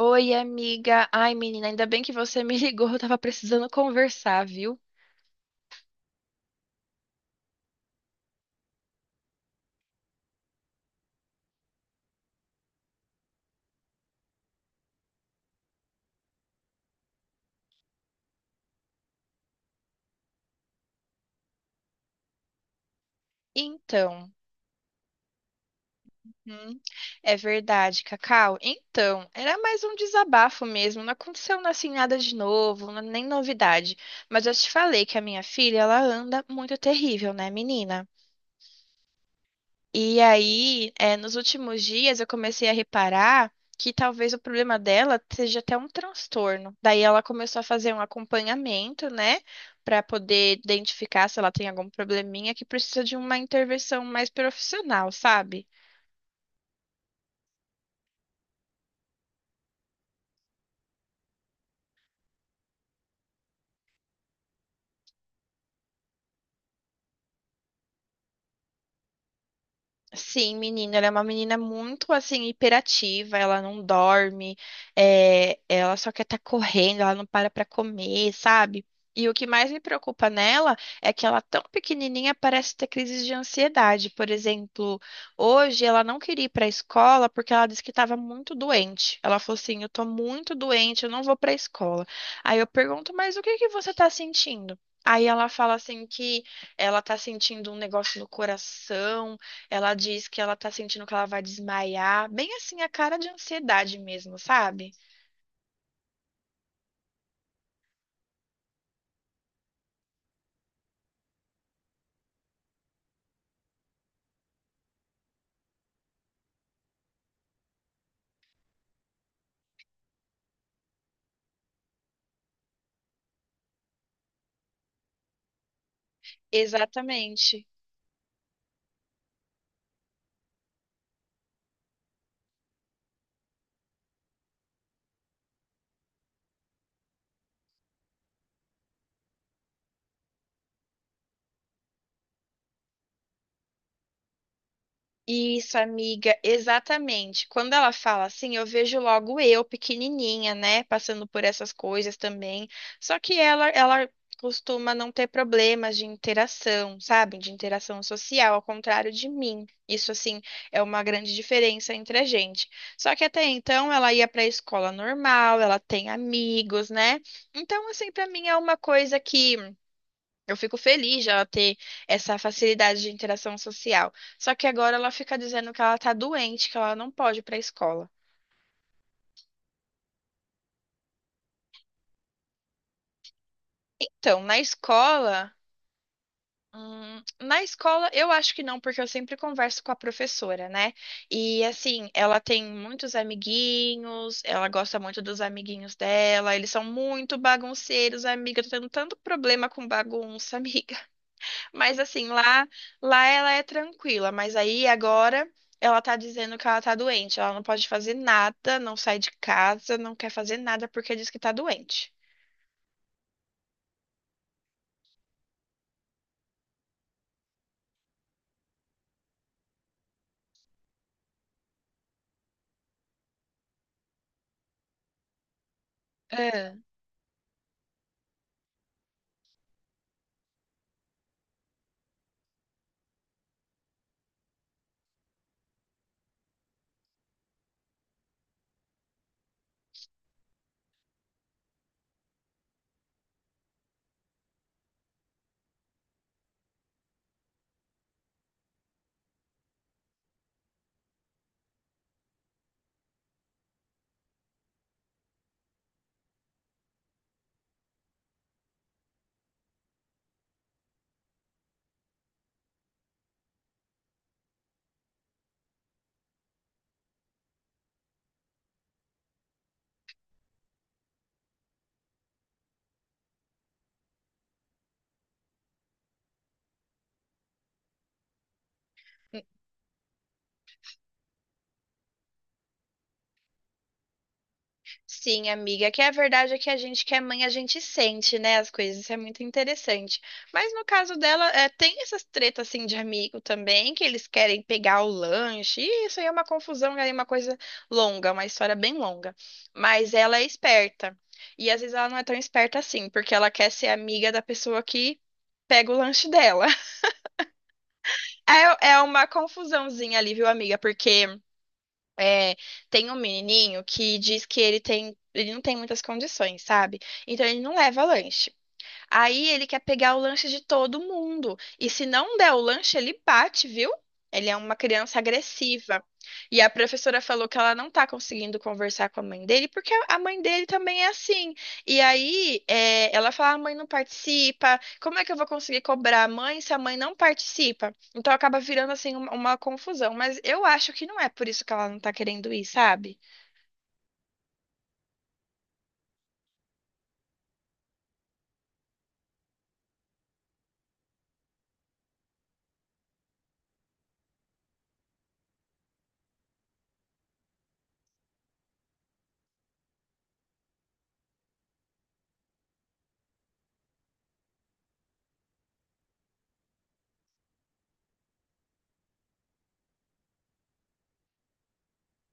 Oi, amiga. Ai, menina, ainda bem que você me ligou, eu tava precisando conversar, viu? Então, hum, É verdade, Cacau. Então, era mais um desabafo mesmo, não aconteceu assim nada de novo, nem novidade. Mas eu te falei que a minha filha, ela anda muito terrível, né, menina? E aí, nos últimos dias, eu comecei a reparar que talvez o problema dela seja até um transtorno. Daí ela começou a fazer um acompanhamento, né, para poder identificar se ela tem algum probleminha que precisa de uma intervenção mais profissional, sabe? Sim, menina, ela é uma menina muito assim hiperativa, ela não dorme, é, ela só quer estar correndo, ela não para para comer, sabe? E o que mais me preocupa nela é que ela tão pequenininha parece ter crises de ansiedade. Por exemplo, hoje ela não queria ir para a escola porque ela disse que estava muito doente. Ela falou assim: "Eu tô muito doente, eu não vou para a escola". Aí eu pergunto: "Mas o que que você tá sentindo?" Aí ela fala assim que ela tá sentindo um negócio no coração, ela diz que ela tá sentindo que ela vai desmaiar, bem assim, a cara de ansiedade mesmo, sabe? Exatamente. Isso, amiga, exatamente. Quando ela fala assim, eu vejo logo eu, pequenininha, né, passando por essas coisas também. Só que ela costuma não ter problemas de interação, sabe? De interação social, ao contrário de mim. Isso, assim, é uma grande diferença entre a gente. Só que até então ela ia para a escola normal, ela tem amigos, né? Então, assim, para mim é uma coisa que. Eu fico feliz de ela ter essa facilidade de interação social. Só que agora ela fica dizendo que ela tá doente, que ela não pode ir pra escola. Então, na escola. Hum, na escola, eu acho que não, porque eu sempre converso com a professora, né? E assim, ela tem muitos amiguinhos, ela gosta muito dos amiguinhos dela, eles são muito bagunceiros, amiga. Eu tô tendo tanto problema com bagunça, amiga. Mas assim, lá ela é tranquila, mas aí agora ela tá dizendo que ela tá doente. Ela não pode fazer nada, não sai de casa, não quer fazer nada porque diz que tá doente. É. Sim, amiga, que é a verdade é que a gente que é mãe, a gente sente, né, as coisas, isso é muito interessante. Mas no caso dela, é, tem essas tretas, assim, de amigo também, que eles querem pegar o lanche, e isso aí é uma confusão, é uma coisa longa, uma história bem longa. Mas ela é esperta, e às vezes ela não é tão esperta assim, porque ela quer ser amiga da pessoa que pega o lanche dela. É, é uma confusãozinha ali, viu, amiga, porque... É, tem um menininho que diz que ele tem, ele não tem muitas condições, sabe? Então ele não leva lanche. Aí ele quer pegar o lanche de todo mundo. E se não der o lanche, ele bate, viu? Ele é uma criança agressiva. E a professora falou que ela não tá conseguindo conversar com a mãe dele, porque a mãe dele também é assim. E aí, é, ela fala: a mãe não participa, como é que eu vou conseguir cobrar a mãe se a mãe não participa? Então acaba virando assim uma confusão. Mas eu acho que não é por isso que ela não tá querendo ir, sabe?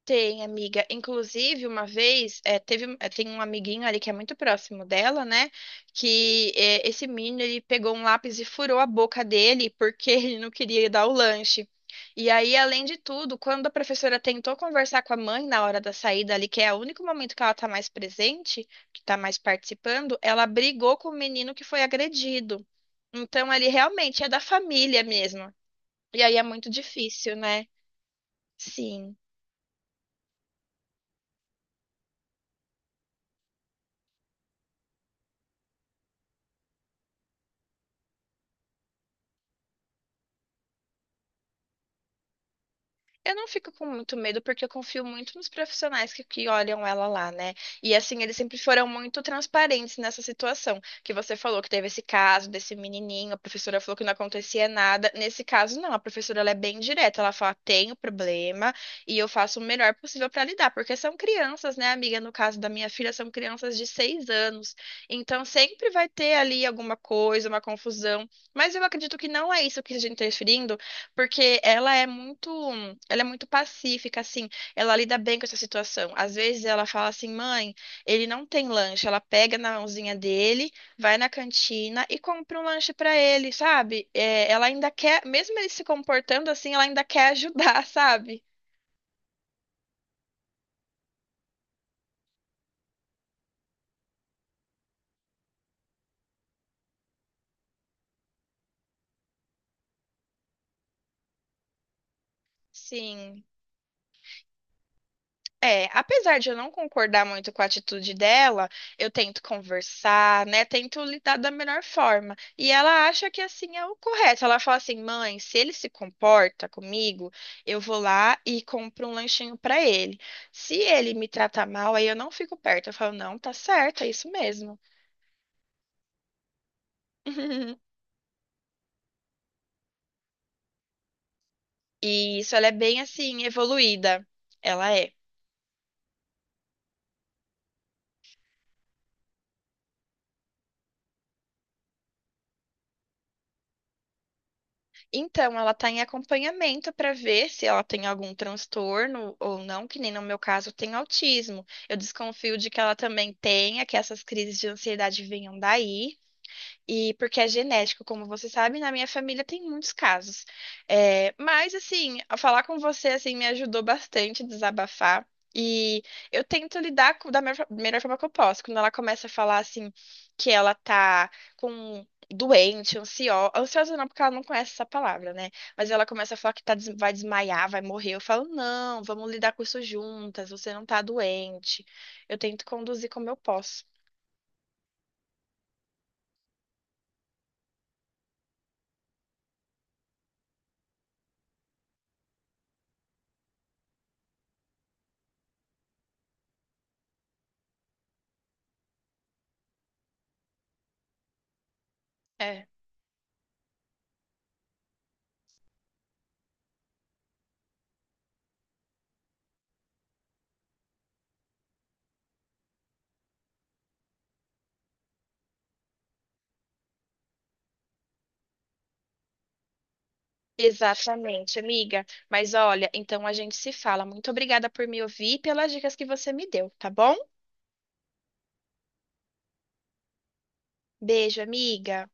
Tem, amiga. Inclusive, uma vez, é, teve, é, tem um amiguinho ali que é muito próximo dela, né? Que é, esse menino, ele pegou um lápis e furou a boca dele porque ele não queria dar o lanche. E aí, além de tudo, quando a professora tentou conversar com a mãe na hora da saída ali, que é o único momento que ela tá mais presente, que tá mais participando, ela brigou com o menino que foi agredido. Então, ele realmente é da família mesmo. E aí é muito difícil, né? Sim. Eu não fico com muito medo porque eu confio muito nos profissionais que olham ela lá, né? E assim, eles sempre foram muito transparentes nessa situação. Que você falou que teve esse caso desse menininho, a professora falou que não acontecia nada. Nesse caso, não, a professora ela é bem direta. Ela fala: tenho problema e eu faço o melhor possível para lidar, porque são crianças, né, amiga? No caso da minha filha, são crianças de 6 anos. Então sempre vai ter ali alguma coisa, uma confusão. Mas eu acredito que não é isso que a gente está referindo porque ela é muito pacífica, assim, ela lida bem com essa situação. Às vezes ela fala assim, mãe, ele não tem lanche. Ela pega na mãozinha dele, vai na cantina e compra um lanche pra ele, sabe? É, ela ainda quer, mesmo ele se comportando assim, ela ainda quer ajudar, sabe? Sim. É, apesar de eu não concordar muito com a atitude dela, eu tento conversar, né? Tento lidar da melhor forma. E ela acha que assim é o correto. Ela fala assim: "Mãe, se ele se comporta comigo, eu vou lá e compro um lanchinho pra ele. Se ele me tratar mal, aí eu não fico perto". Eu falo: "Não, tá certo, é isso mesmo". E isso ela é bem assim evoluída. Ela é. Então, ela está em acompanhamento para ver se ela tem algum transtorno ou não, que nem no meu caso tem autismo. Eu desconfio de que ela também tenha, que essas crises de ansiedade venham daí. E porque é genético, como você sabe, na minha família tem muitos casos. É, mas, assim, ao falar com você, assim, me ajudou bastante a desabafar. E eu tento da melhor forma que eu posso. Quando ela começa a falar, assim, que ela tá com um doente, ansiosa. Ansiosa não, porque ela não conhece essa palavra, né? Mas ela começa a falar que vai desmaiar, vai morrer. Eu falo, não, vamos lidar com isso juntas. Você não tá doente. Eu tento conduzir como eu posso. É. Exatamente, amiga. Mas olha, então a gente se fala. Muito obrigada por me ouvir e pelas dicas que você me deu, tá bom? Beijo, amiga.